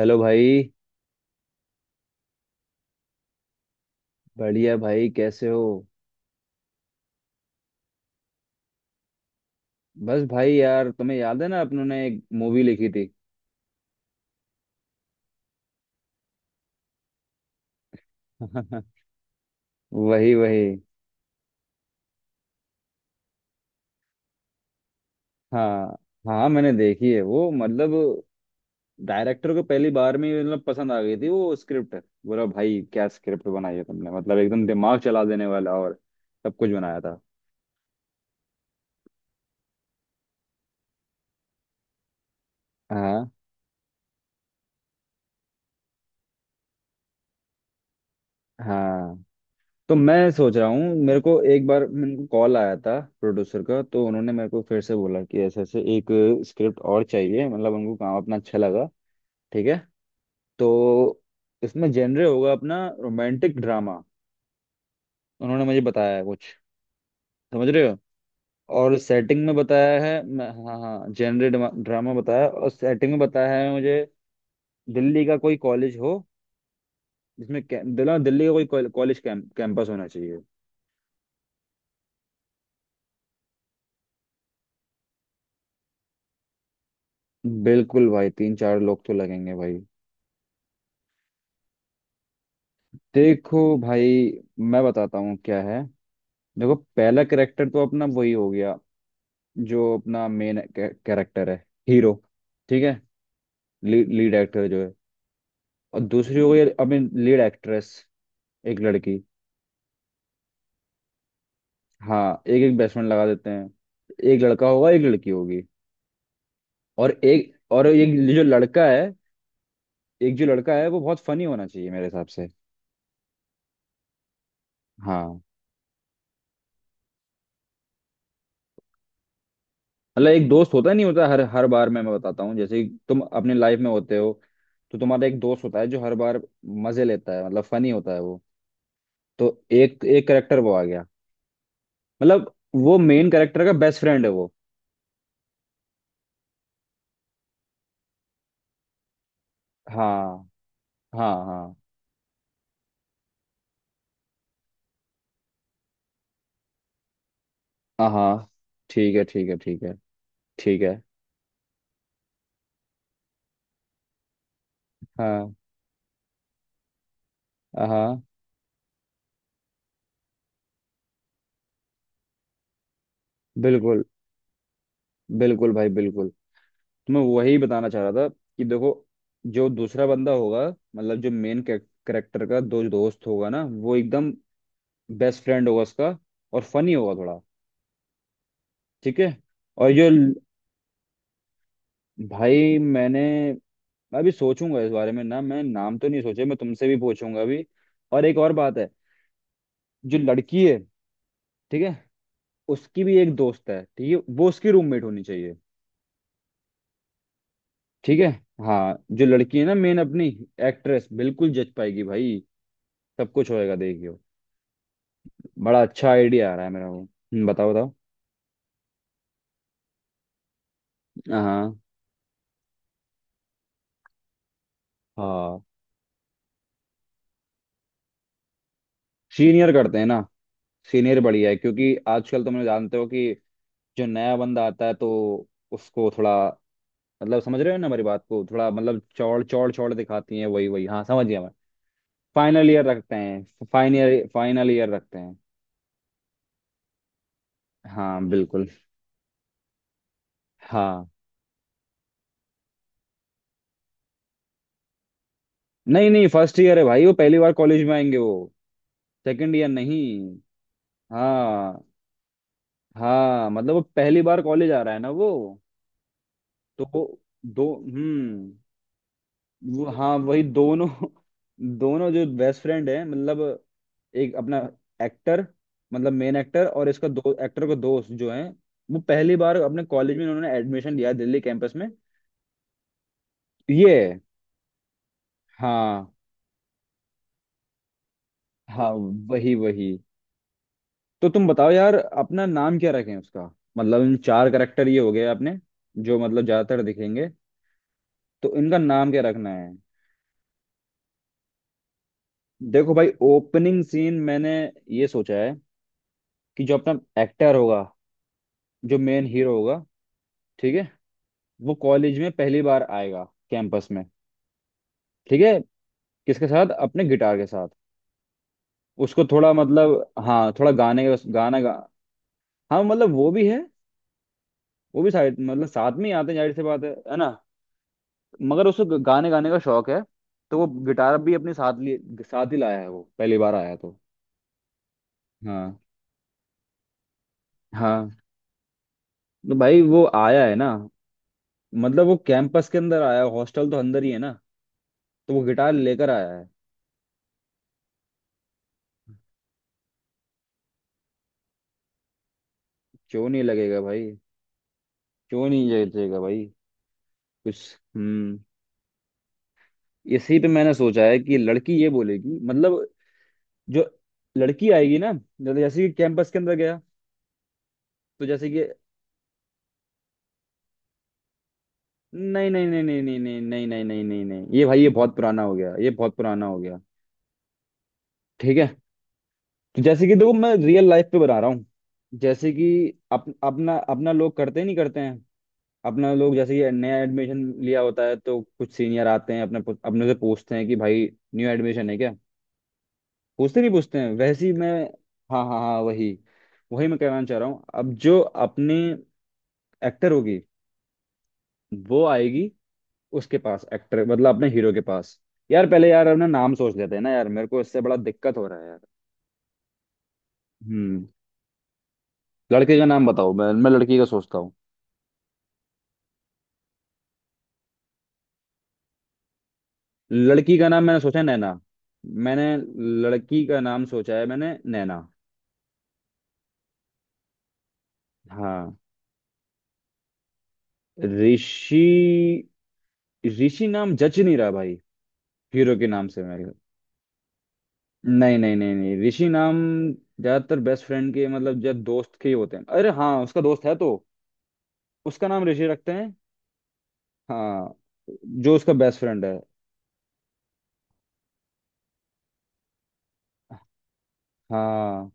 Hello भाई। बढ़िया भाई, कैसे हो? बस भाई यार, तुम्हें याद है ना अपन ने एक मूवी लिखी थी। वही वही हाँ, हाँ मैंने देखी है वो। डायरेक्टर को पहली बार में ही पसंद आ गई थी वो स्क्रिप्ट। बोला भाई क्या स्क्रिप्ट बनाई है तुमने, एकदम दिमाग चला देने वाला और सब कुछ बनाया था। हाँ। हाँ तो मैं सोच रहा हूँ, मेरे को एक बार मेरे को कॉल आया था प्रोड्यूसर का, तो उन्होंने मेरे को फिर से बोला कि ऐसे ऐसे एक स्क्रिप्ट और चाहिए, उनको काम अपना अच्छा लगा। ठीक है। तो इसमें जेनरे होगा अपना रोमांटिक ड्रामा, उन्होंने मुझे बताया है कुछ। समझ रहे हो? और सेटिंग में बताया है हाँ हाँ, जेनरे ड्रामा बताया, और सेटिंग में बताया है मुझे, दिल्ली का कोई कॉलेज हो जिसमें कै- दिल्ली दिल्ली का कोई कॉलेज कैंपस होना चाहिए। बिल्कुल भाई, तीन चार लोग तो लगेंगे भाई। देखो भाई, मैं बताता हूँ क्या है। देखो, पहला कैरेक्टर तो अपना वही हो गया जो अपना मेन कैरेक्टर है, हीरो। ठीक है। लीड एक्टर जो है। और दूसरी हो गई, आई मीन लीड एक्ट्रेस, एक लड़की। हाँ, एक एक बेसमेंट लगा देते हैं। एक लड़का होगा, एक लड़की होगी। और एक, और एक जो लड़का है, एक जो लड़का है वो बहुत फनी होना चाहिए मेरे हिसाब से। हाँ। एक दोस्त होता नहीं होता हर हर बार, मैं बताता हूँ, जैसे कि तुम अपने लाइफ में होते हो तो तुम्हारा एक दोस्त होता है जो हर बार मजे लेता है, फनी होता है वो। तो एक एक करेक्टर वो आ गया, वो मेन करेक्टर का बेस्ट फ्रेंड है वो। हाँ, हाँ, हाँ, हाँ। ठीक है, ठीक है, ठीक है, ठीक है। हाँ, हाँ। बिल्कुल, बिल्कुल भाई, बिल्कुल। तो मैं वही बताना चाह रहा था कि देखो, जो दूसरा बंदा होगा, जो मेन कैरेक्टर का दो दोस्त होगा ना, वो एकदम बेस्ट फ्रेंड होगा उसका, और फनी होगा थोड़ा। ठीक है। और भाई, मैं अभी सोचूंगा इस बारे में ना, मैं नाम तो नहीं सोचे, मैं तुमसे भी पूछूंगा अभी। और एक और बात है, जो लड़की है, ठीक है, उसकी भी एक दोस्त है, ठीक है, वो उसकी रूममेट होनी चाहिए। ठीक है। हाँ जो लड़की है ना, मेन अपनी एक्ट्रेस, बिल्कुल जच पाएगी भाई, सब कुछ होएगा देखियो। बड़ा अच्छा आइडिया आ रहा है मेरा वो। बताओ, बताओ। हाँ। हाँ, सीनियर करते हैं ना, सीनियर बढ़िया है। क्योंकि आजकल तुम लोग जानते हो कि जो नया बंदा आता है तो उसको थोड़ा, समझ रहे हो ना हमारी बात को, थोड़ा चौड़ चौड़ चौड़ दिखाती है। वही वही हाँ, समझ गया मैं। फाइनल ईयर रखते हैं, फाइनल फाइनल ईयर रखते हैं। हाँ, बिल्कुल। हाँ नहीं नहीं, फर्स्ट ईयर है भाई, वो पहली बार कॉलेज में आएंगे वो, सेकंड ईयर नहीं। हाँ। हाँ, वो पहली बार कॉलेज आ रहा है ना वो। तो वो दो हम्म। वो हाँ, वही दोनों। दोनों जो बेस्ट फ्रेंड है, एक अपना एक्टर, मेन एक्टर, और इसका दो एक्टर का दोस्त जो है, वो पहली बार अपने कॉलेज में उन्होंने एडमिशन लिया है, दिल्ली कैंपस में। तो ये, हाँ। हाँ, वही वही तो तुम बताओ यार, अपना नाम क्या रखें उसका? इन चार करेक्टर ये हो गए अपने, जो ज्यादातर दिखेंगे। तो इनका नाम क्या रखना है? देखो भाई, ओपनिंग सीन मैंने ये सोचा है कि जो अपना एक्टर होगा, जो मेन हीरो होगा, ठीक है, वो कॉलेज में पहली बार आएगा, कैंपस में। ठीक है। किसके साथ? अपने गिटार के साथ। उसको थोड़ा हाँ, थोड़ा गाने का, गाना गा, हाँ वो भी है, वो भी साइड साथ में ही आते हैं, जाहिर सी बात है ना। मगर उसको गाने गाने का शौक है, तो वो गिटार भी अपने साथ लिए, साथ ही लाया है, वो पहली बार आया तो। हाँ। हाँ, तो भाई वो आया है ना, वो कैंपस के अंदर आया, हॉस्टल तो अंदर ही है ना, तो वो गिटार लेकर आया है। क्यों नहीं लगेगा भाई? क्यों नहीं लगेगा भाई? कुछ। हम्म। इसी पे मैंने सोचा है कि लड़की ये बोलेगी, जो लड़की आएगी ना, जैसे जैसे कि कैंपस के अंदर गया तो, जैसे कि, नहीं नहीं नहीं नहीं नहीं नहीं नहीं नहीं नहीं नहीं नहीं, ये भाई ये बहुत पुराना हो गया, ये बहुत पुराना हो गया। ठीक है, तो जैसे कि देखो, मैं रियल लाइफ पे बता रहा हूँ, जैसे कि अपना, अपना लोग करते नहीं करते हैं, अपना लोग जैसे ये नया एडमिशन लिया होता है, तो कुछ सीनियर आते हैं अपने, अपने से पूछते हैं कि भाई न्यू एडमिशन है क्या, पूछते नहीं पूछते हैं वैसी मैं। हाँ, हाँ, हाँ। वही वही मैं कहना चाह रहा हूँ। अब जो अपने एक्टर होगी, वो आएगी उसके पास, एक्टर, अपने हीरो के पास। यार, पहले यार अपना नाम सोच लेते हैं ना यार, मेरे को इससे बड़ा दिक्कत हो रहा है यार। हम्म। लड़के का नाम बताओ, मैं लड़की का सोचता हूँ। लड़की का नाम मैंने सोचा है नैना। मैंने लड़की का नाम सोचा है मैंने नैना। हाँ। ऋषि? ऋषि नाम जच नहीं रहा भाई हीरो के नाम से मेरे को। नहीं नहीं नहीं नहीं, ऋषि नाम ज्यादातर बेस्ट फ्रेंड के, जब दोस्त के ही होते हैं, अरे हाँ, उसका दोस्त है तो उसका नाम ऋषि रखते हैं। हाँ, जो उसका बेस्ट फ्रेंड है। हाँ,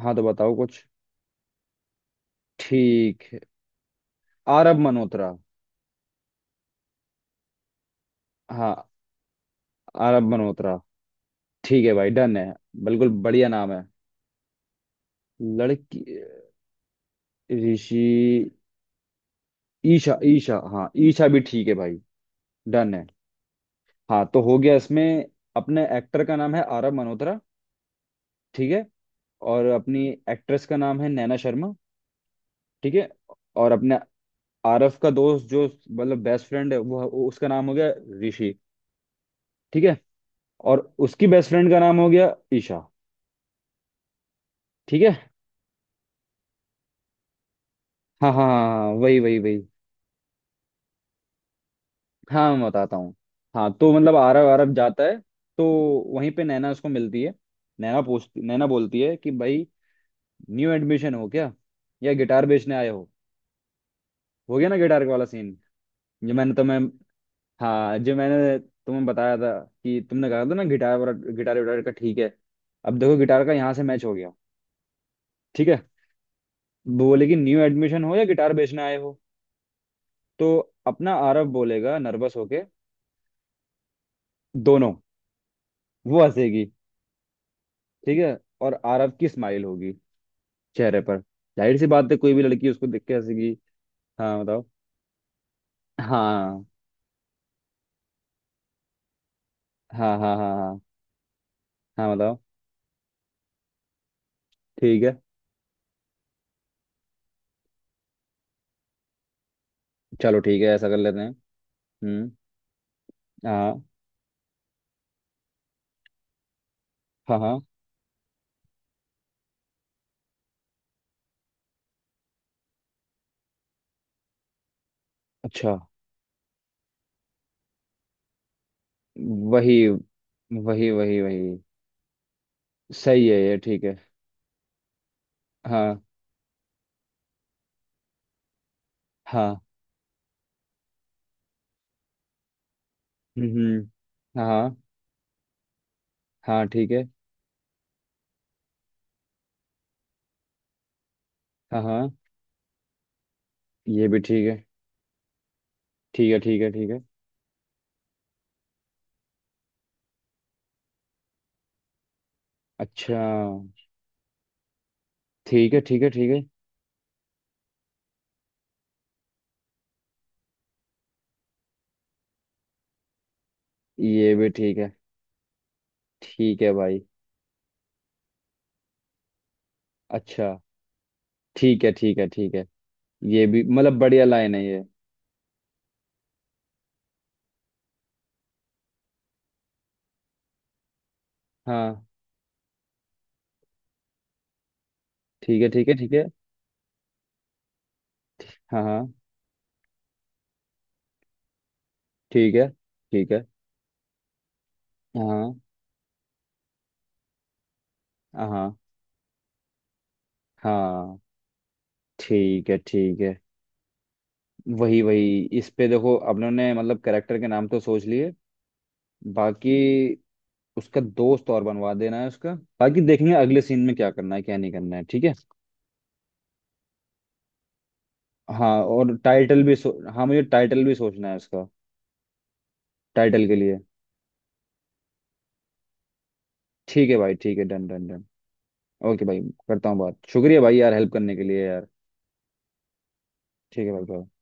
हाँ, तो बताओ कुछ। ठीक है, आरब मल्होत्रा। हाँ, आरब मल्होत्रा। ठीक है भाई, डन है। बिल्कुल बढ़िया नाम है। लड़की, ऋषि, ईशा। ईशा, हाँ, ईशा भी ठीक है भाई। डन है। हाँ तो हो गया इसमें, अपने एक्टर का नाम है आरव मल्होत्रा, ठीक है, और अपनी एक्ट्रेस का नाम है नैना शर्मा, ठीक है, और अपने आरव का दोस्त जो बेस्ट फ्रेंड है, उसका नाम हो गया ऋषि, ठीक है, और उसकी बेस्ट फ्रेंड का नाम हो गया ईशा, ठीक है। हाँ, हाँ, हाँ, हाँ, वही वही वही हाँ, मैं बताता हूँ। हाँ तो मतलब आरव आरव जाता है, तो वहीं पे नैना उसको मिलती है। नैना बोलती है कि भाई, न्यू एडमिशन हो क्या या गिटार बेचने आए हो? हो गया ना गिटार वाला सीन, जो मैंने तुम्हें, हाँ, जो मैंने तुम्हें बताया था कि तुमने कहा था ना गिटार वाला, गिटार विटार का, ठीक है। अब देखो, गिटार का यहाँ से मैच हो गया। ठीक है। वो बोले कि न्यू एडमिशन हो या गिटार बेचने आए हो, तो अपना आरव बोलेगा नर्वस होके, दोनों, वो हंसेगी, ठीक है, और आरव की स्माइल होगी चेहरे पर, जाहिर सी बात है, कोई भी लड़की उसको देख के हंसेगी। हाँ, बताओ। हाँ, हाँ, हाँ, हाँ। हाँ, हाँ, बताओ। ठीक है, चलो, ठीक है, ऐसा कर लेते हैं। हम्म। हाँ, हाँ, हाँ। अच्छा। वही वही। वही सही है ये, ठीक है। हाँ, हाँ। हम्म, हाँ। हाँ, ठीक है। हाँ, हाँ, ये भी ठीक है। ठीक है, ठीक है, ठीक है। अच्छा, ठीक है, ठीक है, ठीक है। ये भी ठीक है, ठीक है भाई। अच्छा, ठीक है, ठीक है, ठीक है। ये भी बढ़िया लाइन है ये। हाँ, ठीक है, ठीक है, ठीक है। हाँ, हाँ, ठीक है, ठीक है। हाँ, हाँ, हाँ। ठीक है, ठीक है। वही वही इस पे देखो, अपनों ने कैरेक्टर के नाम तो सोच लिए, बाकी उसका दोस्त और बनवा देना है उसका, बाकी देखेंगे अगले सीन में क्या करना है क्या नहीं करना है, ठीक है। हाँ, और टाइटल भी, सो हाँ, मुझे टाइटल भी सोचना है उसका, टाइटल के लिए। ठीक है भाई, ठीक है, डन डन डन। ओके भाई, करता हूँ बात। शुक्रिया भाई यार, हेल्प करने के लिए यार। ठीक है भाई, bye।